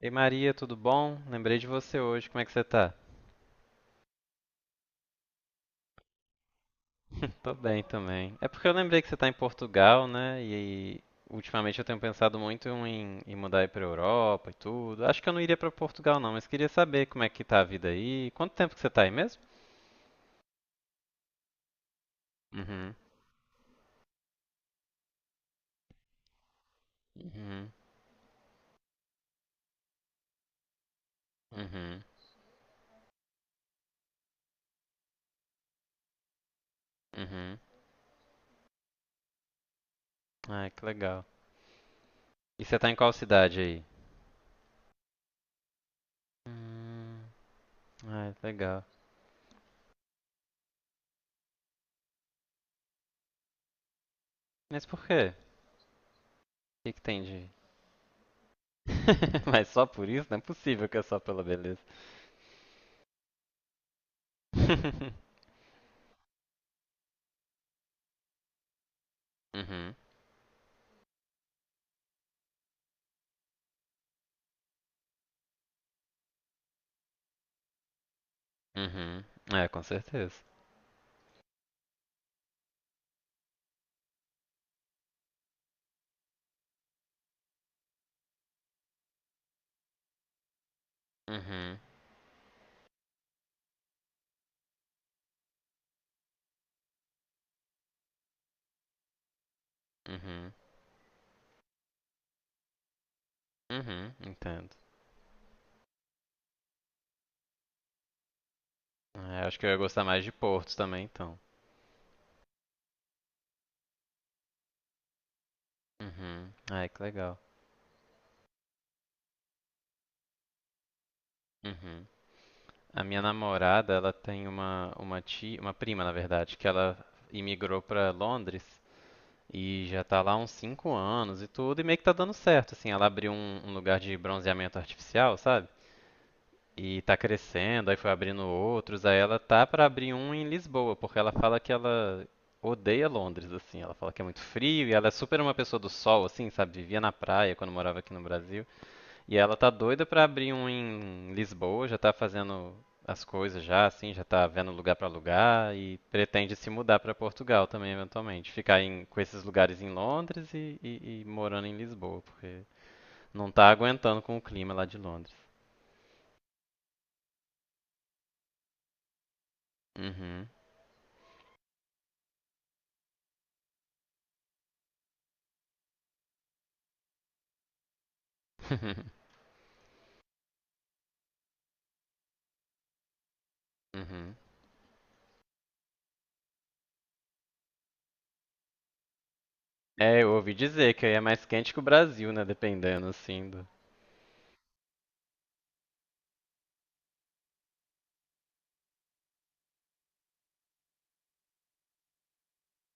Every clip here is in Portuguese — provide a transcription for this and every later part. Ei Maria, tudo bom? Lembrei de você hoje, como é que você tá? Tô bem também. É porque eu lembrei que você tá em Portugal, né? E ultimamente eu tenho pensado muito em mudar aí pra Europa e tudo. Acho que eu não iria pra Portugal não, mas queria saber como é que tá a vida aí. Quanto tempo que você tá aí mesmo? Uhum, uhum, uhum, uhum. Ai, que legal. E você tá em qual cidade aí? Hum, ai, legal. Mas por quê? O que que tem de... Mas só por isso? Não é possível que é só pela beleza. Uhum, uhum. É, com certeza. Uhum, uhum, uhum, entendo. É, acho que eu ia gostar mais de Portos também, então. Uhum. Ai, que legal. Uhum. A minha namorada, ela tem uma tia, uma prima, na verdade, que ela imigrou pra Londres e já tá lá há uns 5 anos e tudo, e meio que tá dando certo, assim, ela abriu um lugar de bronzeamento artificial, sabe? E tá crescendo, aí foi abrindo outros, aí ela tá pra abrir um em Lisboa, porque ela fala que ela odeia Londres, assim, ela fala que é muito frio e ela é super uma pessoa do sol, assim, sabe? Vivia na praia quando morava aqui no Brasil. E ela tá doida pra abrir um em Lisboa, já tá fazendo as coisas já, assim, já tá vendo lugar pra lugar e pretende se mudar pra Portugal também, eventualmente. Ficar em- com esses lugares em Londres e morando em Lisboa, porque não tá aguentando com o clima lá de Londres. Uhum. Uhum. É, eu ouvi dizer que aí é mais quente que o Brasil, né? Dependendo, assim, do...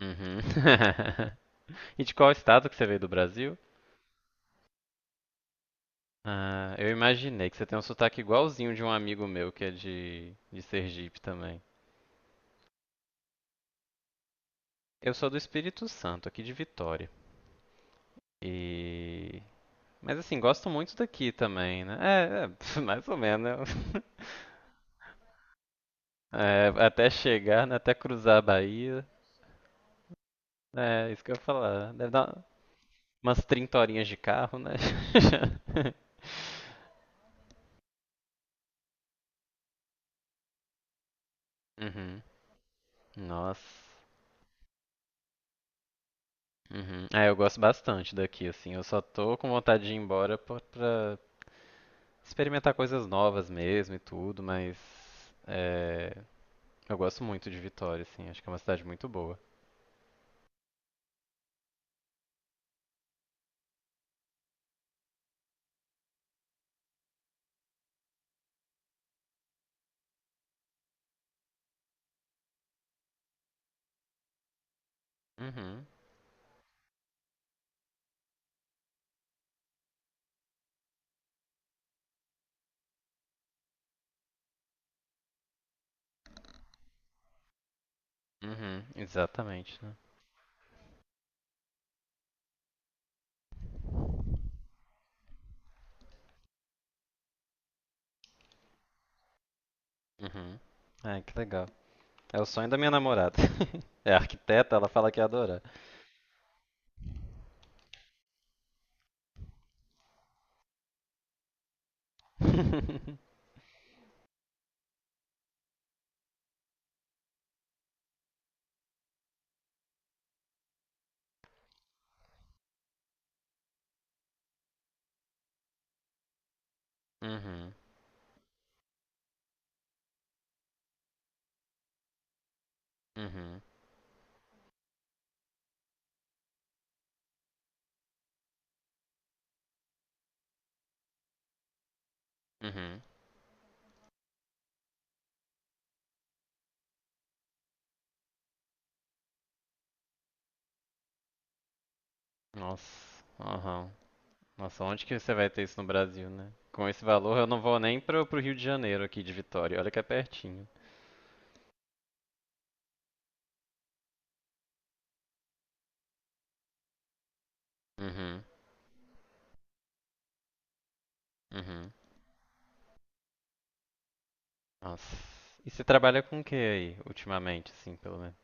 Uhum. E de qual estado que você veio do Brasil? Ah, eu imaginei que você tem um sotaque igualzinho de um amigo meu que é de Sergipe também. Eu sou do Espírito Santo, aqui de Vitória. E... Mas assim, gosto muito daqui também, né? É, é mais ou menos. Né? É, até chegar, né? Até cruzar a Bahia. É, isso que eu ia falar. Deve dar umas 30 horinhas de carro, né? Uhum. Nossa. Uhum. É, eu gosto bastante daqui, assim. Eu só tô com vontade de ir embora pra experimentar coisas novas mesmo e tudo, mas é, eu gosto muito de Vitória, assim. Acho que é uma cidade muito boa. Uhum. Uhum. Exatamente, né? Uhum. Ai, que legal. É o sonho da minha namorada. É arquiteta, ela fala que ia adorar. Uhum. Uhum. Uhum. Nossa. Aham. Nossa, onde que você vai ter isso no Brasil, né? Com esse valor, eu não vou nem pro Rio de Janeiro aqui de Vitória. Olha que é pertinho. Uhum, uhum. Nossa. E você trabalha com o que aí, ultimamente, assim, pelo menos?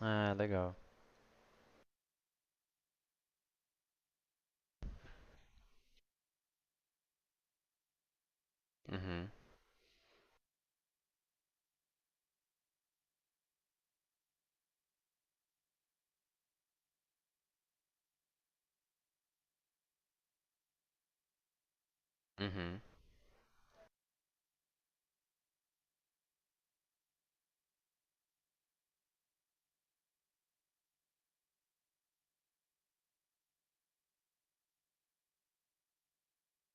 Ah, legal. Uhum, uhum,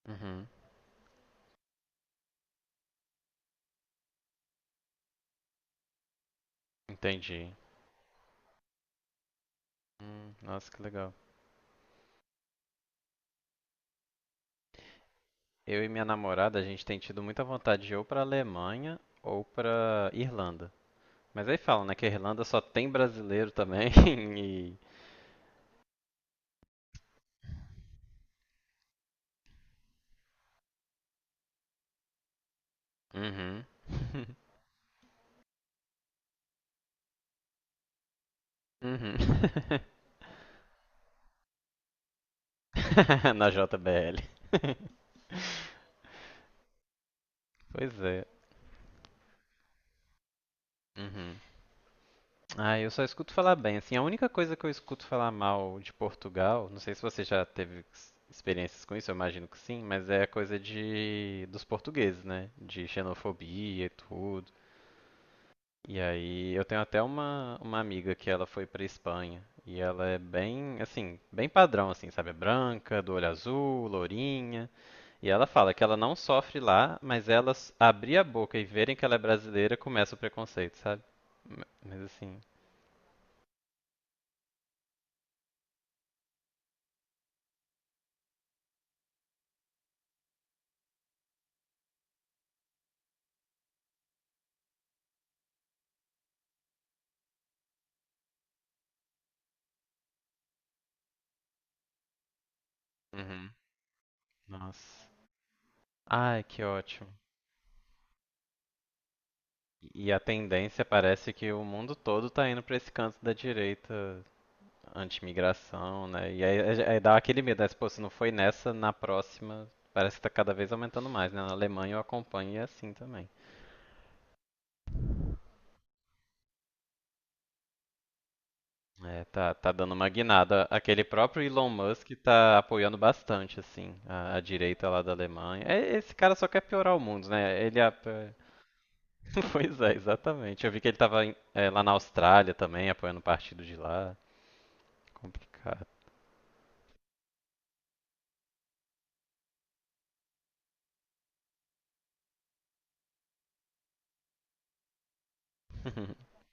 uhum. Entendi. Nossa, que legal. Eu e minha namorada, a gente tem tido muita vontade de ir ou pra Alemanha ou pra Irlanda. Mas aí falam, né, que a Irlanda só tem brasileiro também e... Uhum. Uhum. Na JBL. Pois é. Uhum. Ah, eu só escuto falar bem. Assim, a única coisa que eu escuto falar mal de Portugal, não sei se você já teve experiências com isso, eu imagino que sim, mas é a coisa de dos portugueses, né? De xenofobia e tudo. E aí, eu tenho até uma amiga que ela foi pra Espanha e ela é bem, assim, bem padrão assim, sabe? É branca, do olho azul, lourinha. E ela fala que ela não sofre lá, mas elas abrir a boca e verem que ela é brasileira, começa o preconceito, sabe? Mas assim, uhum. Nossa. Ai, que ótimo. E a tendência parece que o mundo todo tá indo pra esse canto da direita anti-imigração, né? E aí dá aquele medo, né? Se, pô, se não foi nessa, na próxima, parece que tá cada vez aumentando mais, né? Na Alemanha eu acompanho e é assim também. É, tá dando uma guinada. Aquele próprio Elon Musk tá apoiando bastante, assim, a direita lá da Alemanha. É, esse cara só quer piorar o mundo, né? Ele. Ap- Pois é, exatamente. Eu vi que ele tava em- é, lá na Austrália também, apoiando o partido de lá. Complicado.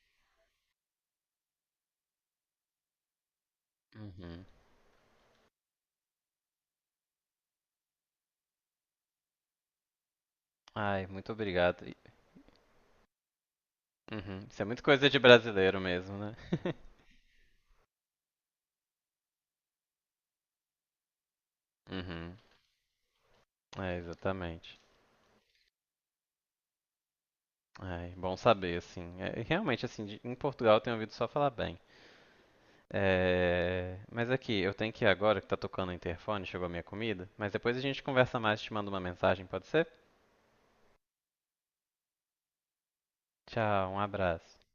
Uhum. Ai, muito obrigado. E- uhum. Isso é muito coisa de brasileiro mesmo, né? Uhum. É, exatamente. Ai, bom saber, assim. É, realmente, assim, de- em Portugal eu tenho ouvido só falar bem. É... Mas aqui, eu tenho que ir agora que tá tocando o interfone, chegou a minha comida. Mas depois a gente conversa mais, te mando uma mensagem, pode ser? Tchau, um abraço.